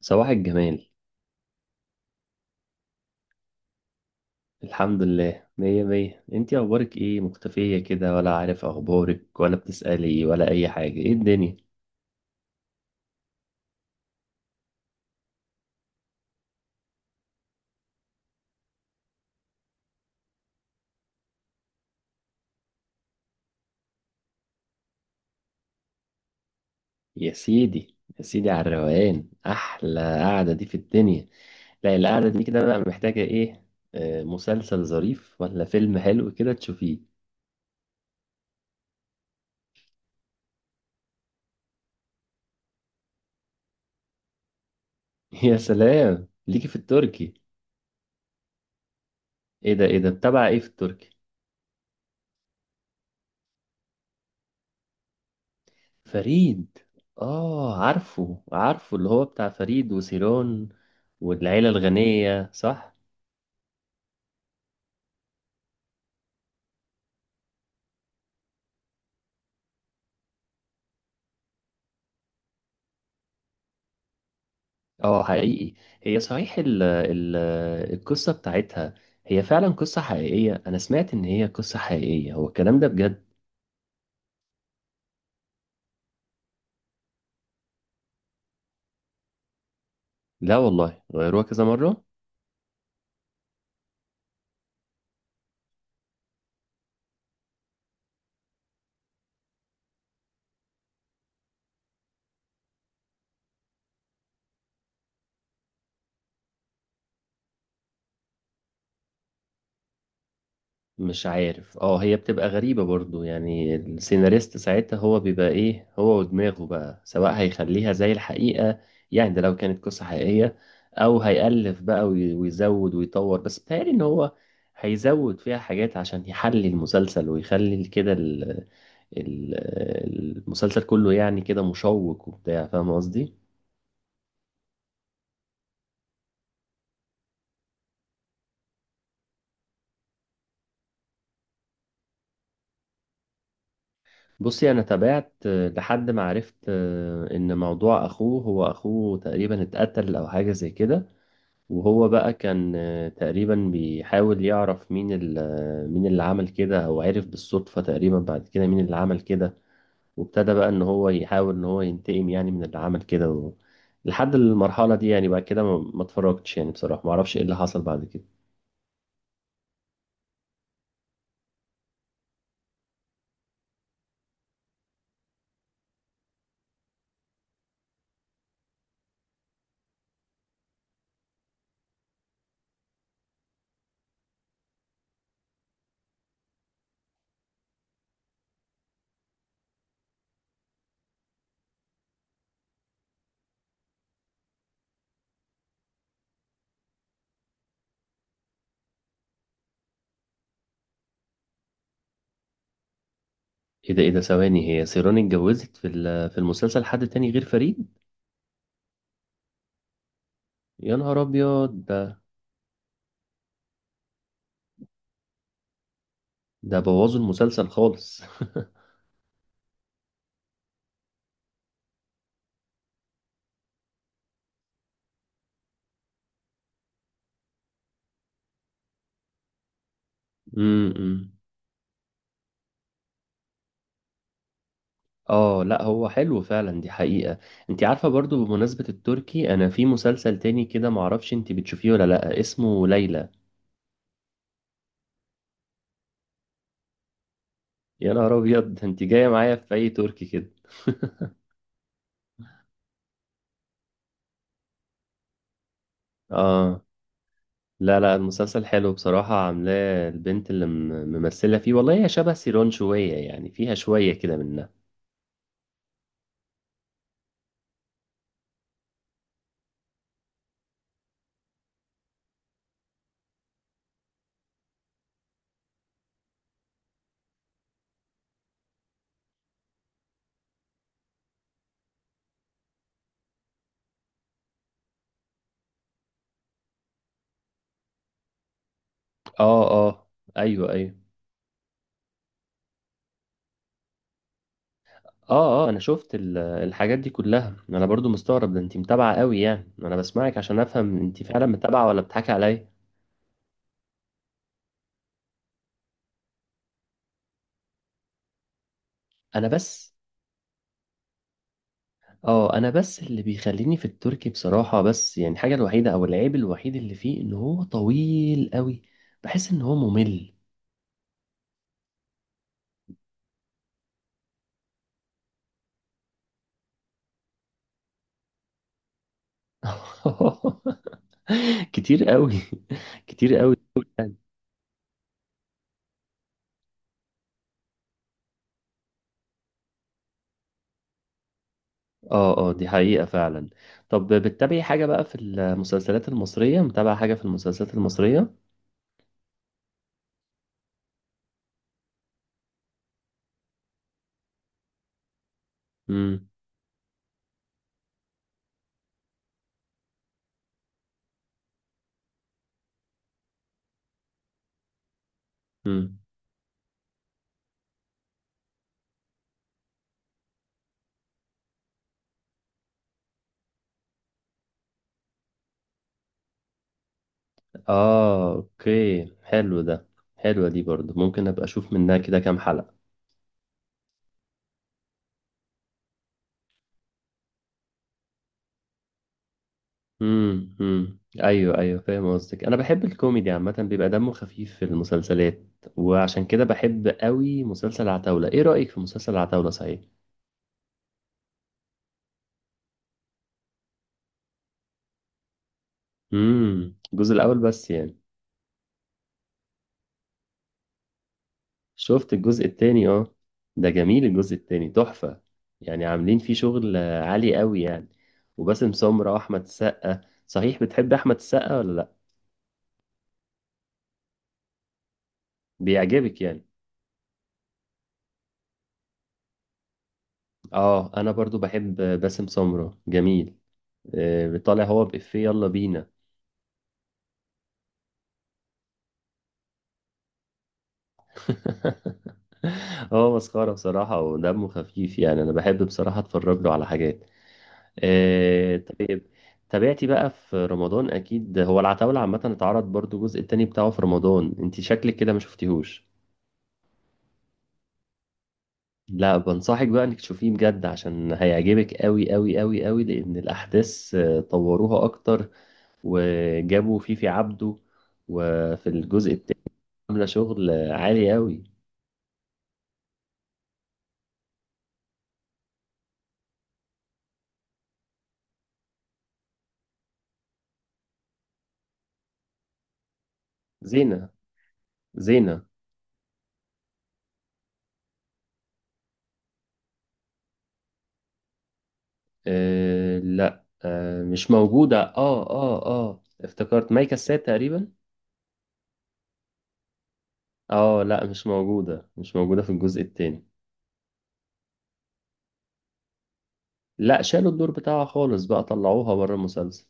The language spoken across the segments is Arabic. صباح الجمال. الحمد لله مية مية. انتي اخبارك ايه؟ مختفية كده ولا؟ عارف اخبارك ولا بتسألي ولا اي حاجة؟ ايه الدنيا؟ يا سيدي يا سيدي على الروقان، احلى قعدة دي في الدنيا. لا، القعدة دي كده بقى محتاجة ايه؟ آه، مسلسل ظريف ولا فيلم حلو كده تشوفيه. يا سلام ليكي في التركي! ايه ده ايه ده؟ بتابعة ايه في التركي؟ فريد. اه عارفه عارفه، اللي هو بتاع فريد وسيران. والعيلة الغنية صح. اه حقيقي. هي صحيح ال ال القصة بتاعتها، هي فعلا قصة حقيقية؟ أنا سمعت إن هي قصة حقيقية، هو الكلام ده بجد؟ لا والله غيروها كذا مرة. مش عارف. اه هي بتبقى غريبة برضو، يعني السيناريست ساعتها هو بيبقى إيه هو ودماغه بقى، سواء هيخليها زي الحقيقة، يعني ده لو كانت قصة حقيقية، أو هيألف بقى ويزود ويطور. بس بتهيألي إن هو هيزود فيها حاجات عشان يحلي المسلسل ويخلي كده ال- المسلسل كله يعني كده مشوق وبتاع، فاهم قصدي؟ بصي انا تابعت لحد ما عرفت ان موضوع اخوه، هو اخوه تقريبا اتقتل او حاجة زي كده، وهو بقى كان تقريبا بيحاول يعرف مين مين اللي عمل كده. هو عرف بالصدفة تقريبا بعد كده مين اللي عمل كده، وابتدى بقى ان هو يحاول ان هو ينتقم يعني من اللي عمل كده لحد المرحلة دي يعني. بعد كده ما اتفرجتش يعني بصراحة، ما اعرفش ايه اللي حصل بعد كده. ايه ده ايه ده؟ ثواني، هي سيران اتجوزت في المسلسل حد تاني غير فريد؟ يا نهار ابيض ده! ده بوظوا المسلسل خالص. امم. اه لا هو حلو فعلا، دي حقيقة. انت عارفة برضو بمناسبة التركي، انا في مسلسل تاني كده، معرفش انت بتشوفيه ولا لا، اسمه ليلى. يا نهار ابيض ده، انت جاية معايا في اي تركي كده! اه لا لا، المسلسل حلو بصراحة، عاملاه البنت اللي ممثلة فيه، والله هي شبه سيران شوية يعني، فيها شوية كده منها. اه اه. ايوه ايوه. اه اه، انا شفت الحاجات دي كلها. انا برضو مستغرب، ده انت متابعه قوي يعني، انا بسمعك عشان افهم انت فعلا متابعه ولا بتضحكي عليا. انا بس، اه انا بس اللي بيخليني في التركي بصراحه، بس يعني الحاجه الوحيده او العيب الوحيد اللي فيه ان هو طويل قوي، بحس ان هو ممل. كتير قوي. كتير قوي يعني. اه اه، دي حقيقة فعلا. طب بتتابعي حاجة بقى في المسلسلات المصرية؟ متابعة حاجة في المسلسلات المصرية؟ امم امم. اه اوكي، حلو ده. حلوة دي برضو، ممكن ابقى اشوف منها كده كام حلقة. امم، ايوه ايوه فاهم قصدك. انا بحب الكوميدي عامة، بيبقى دمه خفيف في المسلسلات، وعشان كده بحب قوي مسلسل عتاولة. ايه رأيك في مسلسل عتاولة صحيح؟ امم، الجزء الاول بس يعني؟ شفت الجزء التاني اه. ده جميل الجزء التاني، تحفة يعني. عاملين فيه شغل عالي قوي يعني، وباسم سمرة واحمد السقا. صحيح بتحب احمد السقا ولا لا؟ بيعجبك يعني؟ اه انا برضو بحب باسم سمرة، جميل. طالع هو بإفيه، يلا بينا. هو مسخرة بصراحة ودمه خفيف يعني، انا بحب بصراحة اتفرج له على حاجات. طيب، تابعتي بقى في رمضان؟ اكيد هو العتاولة عامة اتعرض برضو الجزء التاني بتاعه في رمضان، انت شكلك كده ما شفتيهوش. لا بنصحك بقى انك تشوفيه بجد، عشان هيعجبك قوي قوي قوي قوي، لان الاحداث طوروها اكتر. وجابوا فيفي عبده، وفي الجزء عاملة شغل عالي أوي. زينة. زينة. آه لا آه مش موجودة، اه اه اه افتكرت مايكا سات تقريبا. اه لا مش موجودة، مش موجودة في الجزء التاني. لا، شالوا الدور بتاعها خالص بقى، طلعوها بره المسلسل.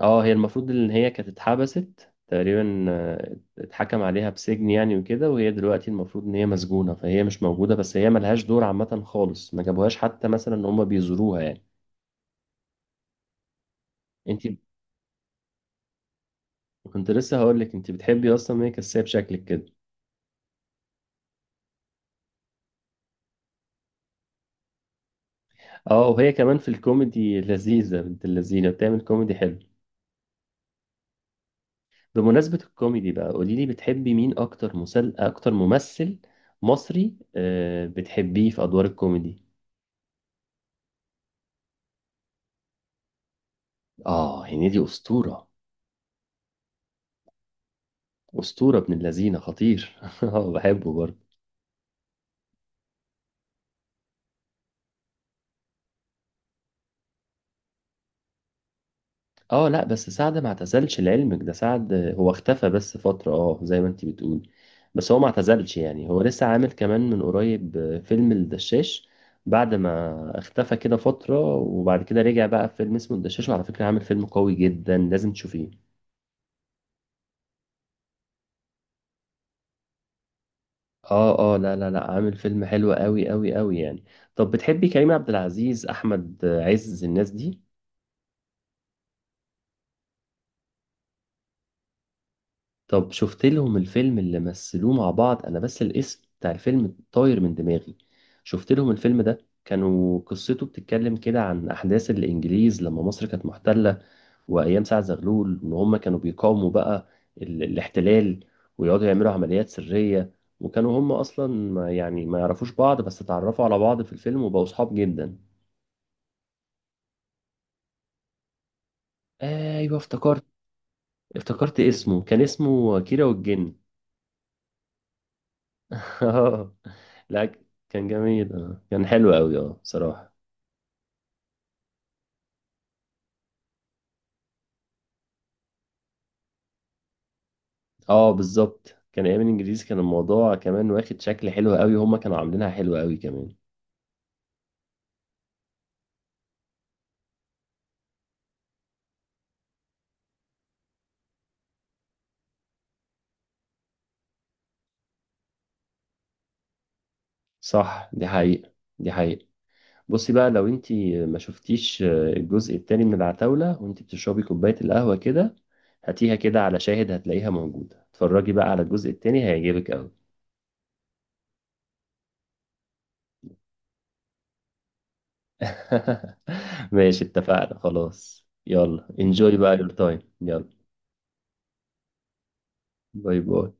اه هي المفروض ان هي كانت اتحبست تقريبا، اتحكم عليها بسجن يعني وكده، وهي دلوقتي المفروض ان هي مسجونة، فهي مش موجودة. بس هي ملهاش دور عامة خالص، ما جابوهاش حتى مثلا ان هما بيزوروها يعني. انت كنت لسه هقول لك، انت بتحبي اصلا هي كساب شكلك كده. اه، وهي كمان في الكوميدي لذيذه، بنت اللذينه، بتعمل كوميدي حلو. بمناسبه الكوميدي بقى، قولي لي بتحبي مين اكتر اكتر ممثل مصري آه بتحبيه في ادوار الكوميدي؟ اه هنيدي اسطوره. اسطوره ابن اللذينه خطير. اه بحبه برضه. اه لا بس سعد ما اعتزلش لعلمك، ده سعد هو اختفى بس فترة، اه زي ما انت بتقول. بس هو ما اعتزلش يعني، هو لسه عامل كمان من قريب فيلم الدشاش. بعد ما اختفى كده فترة وبعد كده رجع بقى في فيلم اسمه الدشاش، وعلى فكرة عامل فيلم قوي جدا، لازم تشوفيه. اه اه، لا لا لا، عامل فيلم حلو قوي قوي قوي يعني. طب بتحبي كريم عبد العزيز، احمد عز، الناس دي؟ طب شفت لهم الفيلم اللي مثلوه مع بعض؟ انا بس الاسم بتاع الفيلم طاير من دماغي. شفت لهم الفيلم ده؟ كانوا قصته بتتكلم كده عن احداث الانجليز لما مصر كانت محتلة، وايام سعد زغلول، وان هم كانوا بيقاوموا بقى الاحتلال، ويقعدوا يعملوا عمليات سرية. وكانوا هم اصلا ما يعني ما يعرفوش بعض، بس اتعرفوا على بعض في الفيلم وبقوا صحاب جدا. ايوه افتكرت. افتكرت اسمه، كان اسمه كيرة والجن. اه لا، كان جميل. اه كان حلو قوي اه بصراحة. اه بالظبط، كان ايام الانجليزي، كان الموضوع كمان واخد شكل حلو قوي، هما كانوا عاملينها حلوة قوي كمان. صح دي حقيقة. دي حقيقة. بصي بقى لو انتي ما شفتيش الجزء التاني من العتاولة، وانتي بتشربي كوباية القهوة كده، هاتيها كده على شاهد، هتلاقيها موجودة. اتفرجي بقى على الجزء التاني، هيعجبك قوي. ماشي، اتفقنا خلاص، يلا انجوي بقى يور تايم، يلا. باي باي.